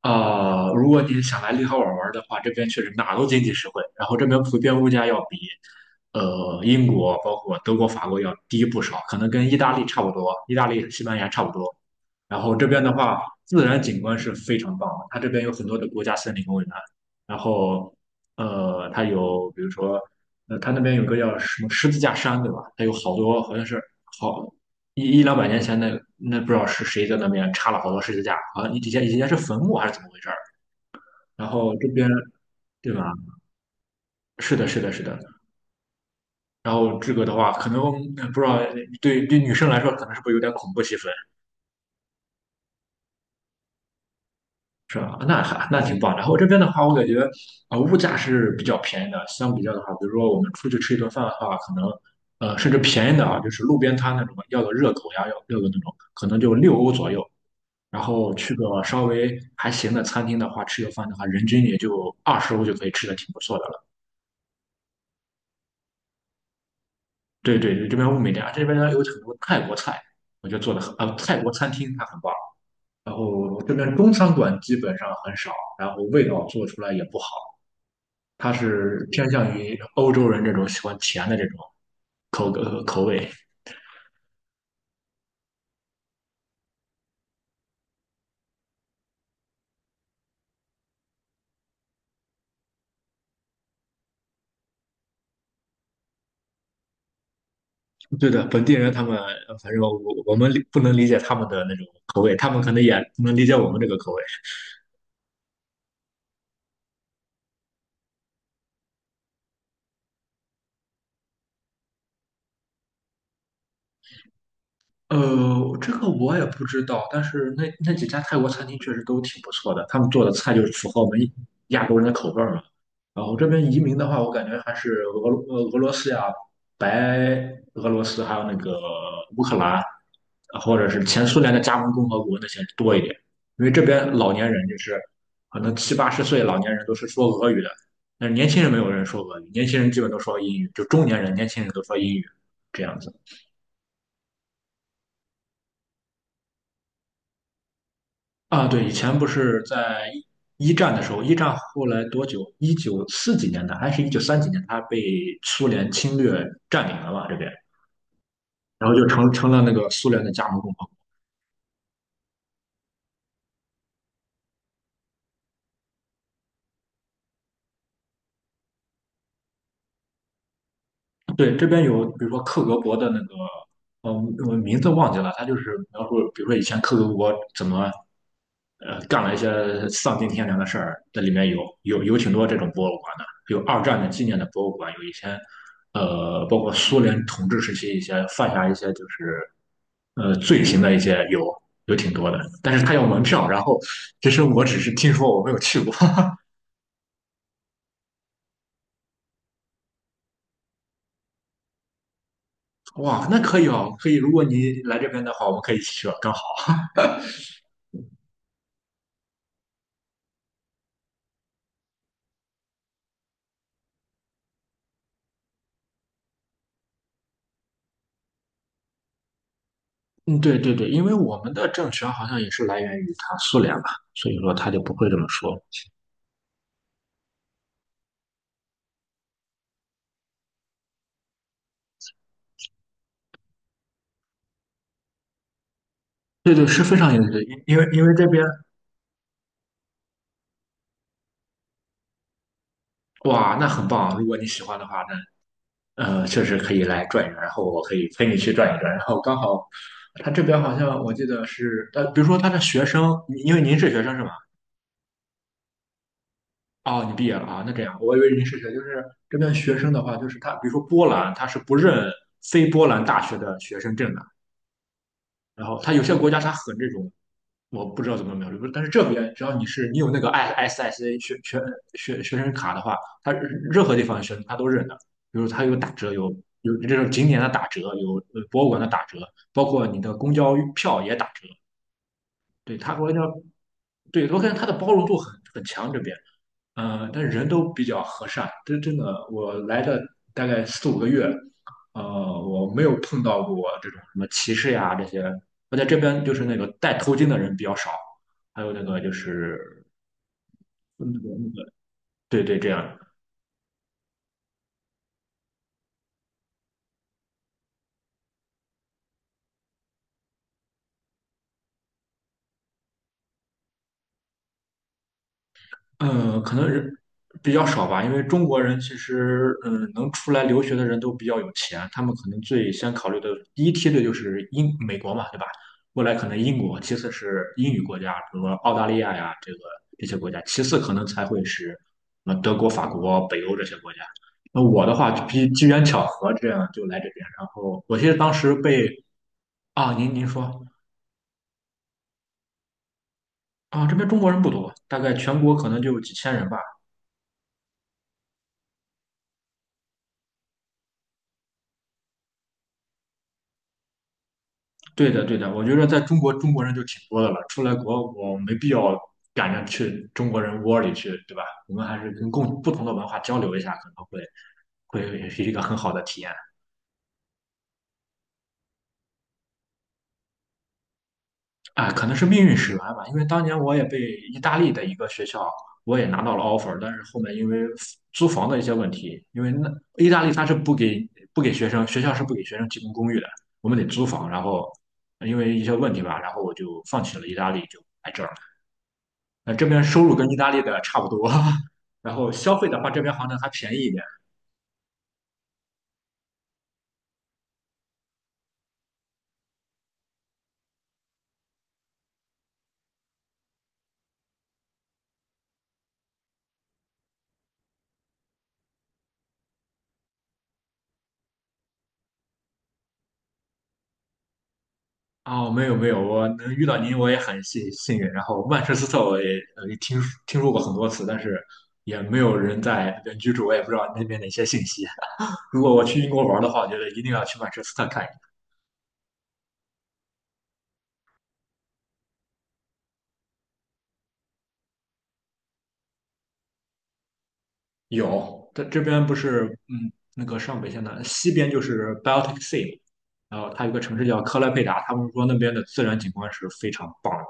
啊、如果你想来立陶宛玩的话，这边确实哪儿都经济实惠，然后这边普遍物价要比英国、包括德国、法国要低不少，可能跟意大利差不多，意大利、西班牙差不多。然后这边的话，自然景观是非常棒的，它这边有很多的国家森林公园，然后它有比如说它那边有个叫什么十字架山，对吧？它有好多好像是。好。一200年前那不知道是谁在那边插了好多十字架，好像以前是坟墓还是怎么回事儿？然后这边。对吧？是的，是的，是的。然后这个的话，可能不知道对女生来说，可能是不是有点恐怖气氛，是吧？那还那挺棒。然后这边的话，我感觉啊、物价是比较便宜的，相比较的话，比如说我们出去吃一顿饭的话，可能甚至便宜的啊，就是路边摊那种要个热狗呀，要个那种，可能就6欧左右。然后去个稍微还行的餐厅的话，吃个饭的话，人均也就20欧就可以吃的挺不错的了。对对对，这边物美价廉，这边呢有很多泰国菜，我觉得做的很，泰国餐厅它很棒。然后这边中餐馆基本上很少，然后味道做出来也不好，它是偏向于欧洲人这种喜欢甜的这种口味。对的，本地人他们，反正我们不能理解他们的那种口味，他们可能也不能理解我们这个口味。呃，这个我也不知道，但是那几家泰国餐厅确实都挺不错的，他们做的菜就是符合我们亚洲人的口味儿嘛。然后这边移民的话，我感觉还是俄罗斯呀、白俄罗斯，还有那个乌克兰，或者是前苏联的加盟共和国那些多一点，因为这边老年人就是可能七八十岁老年人都是说俄语的，但是年轻人没有人说俄语，年轻人基本都说英语，就中年人、年轻人都说英语这样子。啊，对，以前不是在一战的时候，一战后来多久？一九四几年的，还是一九三几年，它被苏联侵略占领了嘛，这边，然后就成了那个苏联的加盟共和。对，这边有，比如说克格勃的那个，嗯，我名字忘记了，他就是描述，比如说以前克格勃怎么，干了一些丧尽天良的事儿，这里面有挺多这种博物馆的，有二战的纪念的博物馆，有以前，包括苏联统治时期一些犯下一些就是，罪行的一些有挺多的，但是他要门票，然后其实我只是听说，我没有去过。哇，那可以哦，可以，如果你来这边的话，我们可以一起去啊，刚好。嗯，对对对，因为我们的政权好像也是来源于他苏联吧，所以说他就不会这么说。对对，是非常有意思，因为这边。哇，那很棒啊。如果你喜欢的话，那确实可以来转一转，然后我可以陪你去转一转。然后刚好他这边好像我记得是比如说他的学生，因为您是学生是吧？哦，你毕业了啊，那这样，我以为您是学，就是这边学生的话，就是他，比如说波兰，他是不认非波兰大学的学生证的。然后它有些国家它很这种，我不知道怎么描述，但是这边只要你有那个 I SSA 学生卡的话，它任何地方学生他都认的。比如它有打折，有这种景点的打折，有博物馆的打折，包括你的公交票也打折。对，它我感觉，对我感觉它的包容度很强这边。但人都比较和善，这真的，我来的大概4、5个月，呃，我没有碰到过这种什么歧视呀这些。我在这边就是那个戴头巾的人比较少，还有那个就是那个。那个，对对，这样。嗯，可能人比较少吧，因为中国人其实，嗯，能出来留学的人都比较有钱，他们可能最先考虑的第一梯队就是英美国嘛，对吧？未来可能英国，其次是英语国家，比如说澳大利亚呀，这些国家，其次可能才会是德国、法国、北欧这些国家。那我的话，就比机缘巧合这样就来这边，然后我记得当时被。啊，您说。啊，这边中国人不多，大概全国可能就几千人吧。对的，对的，我觉得在中国，中国人就挺多的了，出来国我没必要赶着去中国人窝里去，对吧？我们还是跟共不同的文化交流一下，可能会是一个很好的体验。啊，可能是命运使然吧，因为当年我也被意大利的一个学校，我也拿到了 offer，但是后面因为租房的一些问题，因为那意大利它是不给学生，学校是不给学生提供公寓的，我们得租房，然后因为一些问题吧，然后我就放弃了意大利，就这边收入跟意大利的差不多，然后消费的话，这边好像还便宜一点。哦，没有没有，我能遇到您，我也很运。然后曼彻斯特我也听说过很多次，但是也没有人在那边居住，我也不知道那边的一些信息。如果我去英国玩的话，我觉得一定要去曼彻斯特看一看。有，它这边不是那个上北线的西边就是 Baltic Sea，然后它有个城市叫克莱佩达，他们说那边的自然景观是非常棒的。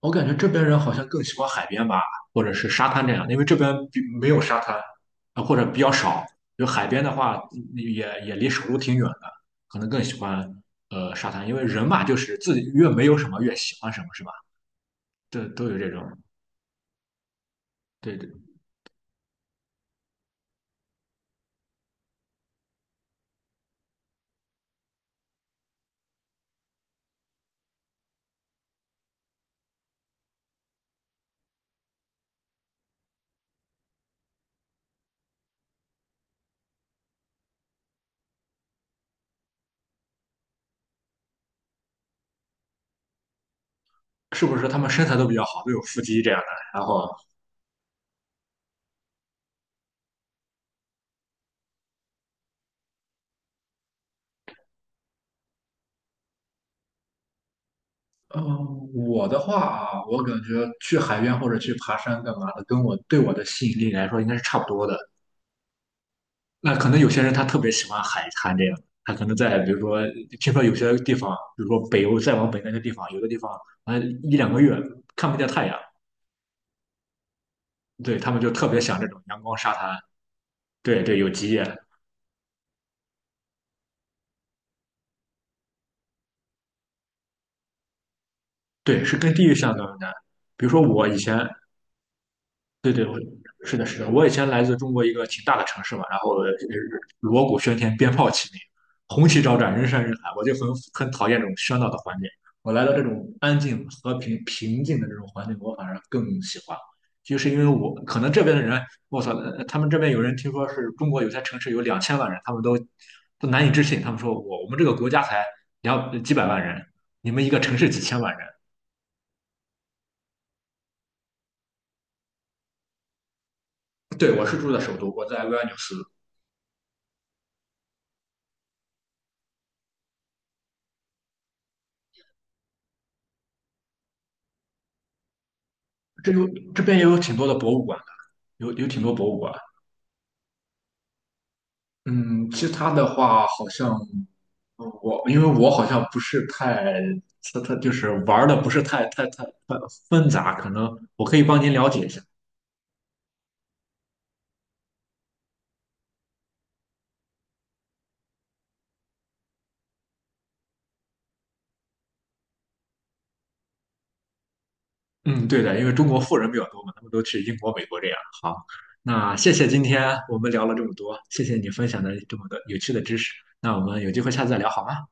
我感觉这边人好像更喜欢海边吧，或者是沙滩这样，因为这边比没有沙滩，啊，或者比较少。就海边的话，嗯也离首都挺远的，可能更喜欢沙滩，因为人嘛，就是自己越没有什么越喜欢什么，是吧？对，都有这种，对对，是不是他们身材都比较好，都有腹肌这样的？然后，嗯，我的话，我感觉去海边或者去爬山干嘛的，跟我对我的吸引力来说，应该是差不多的。那可能有些人他特别喜欢海滩这样，他可能在比如说，听说有些地方，比如说北欧再往北那些地方，有的地方啊一两个月看不见太阳，对他们就特别想这种阳光沙滩。对对，有极夜，对是跟地域相关的。比如说我以前。对对，我是的，是的，我以前来自中国一个挺大的城市嘛，然后锣鼓喧天，鞭炮齐鸣，红旗招展，人山人海，我就很讨厌这种喧闹的环境。我来到这种安静、和平、平静的这种环境，我反而更喜欢。就是因为我可能这边的人，我操，他们这边有人听说是中国有些城市有2000万人，他们都难以置信，他们说我们这个国家才两几百万人，你们一个城市几千万人。对，我是住在首都，我在维尔纽斯。这有这边也有挺多的博物馆的，有挺多博物馆。嗯，其他的话好像我因为我好像不是太，他就是玩的不是太纷杂，可能我可以帮您了解一下。嗯，对的，因为中国富人比较多嘛，他们都去英国、美国这样。好，那谢谢今天我们聊了这么多，谢谢你分享的这么多有趣的知识。那我们有机会下次再聊好吗？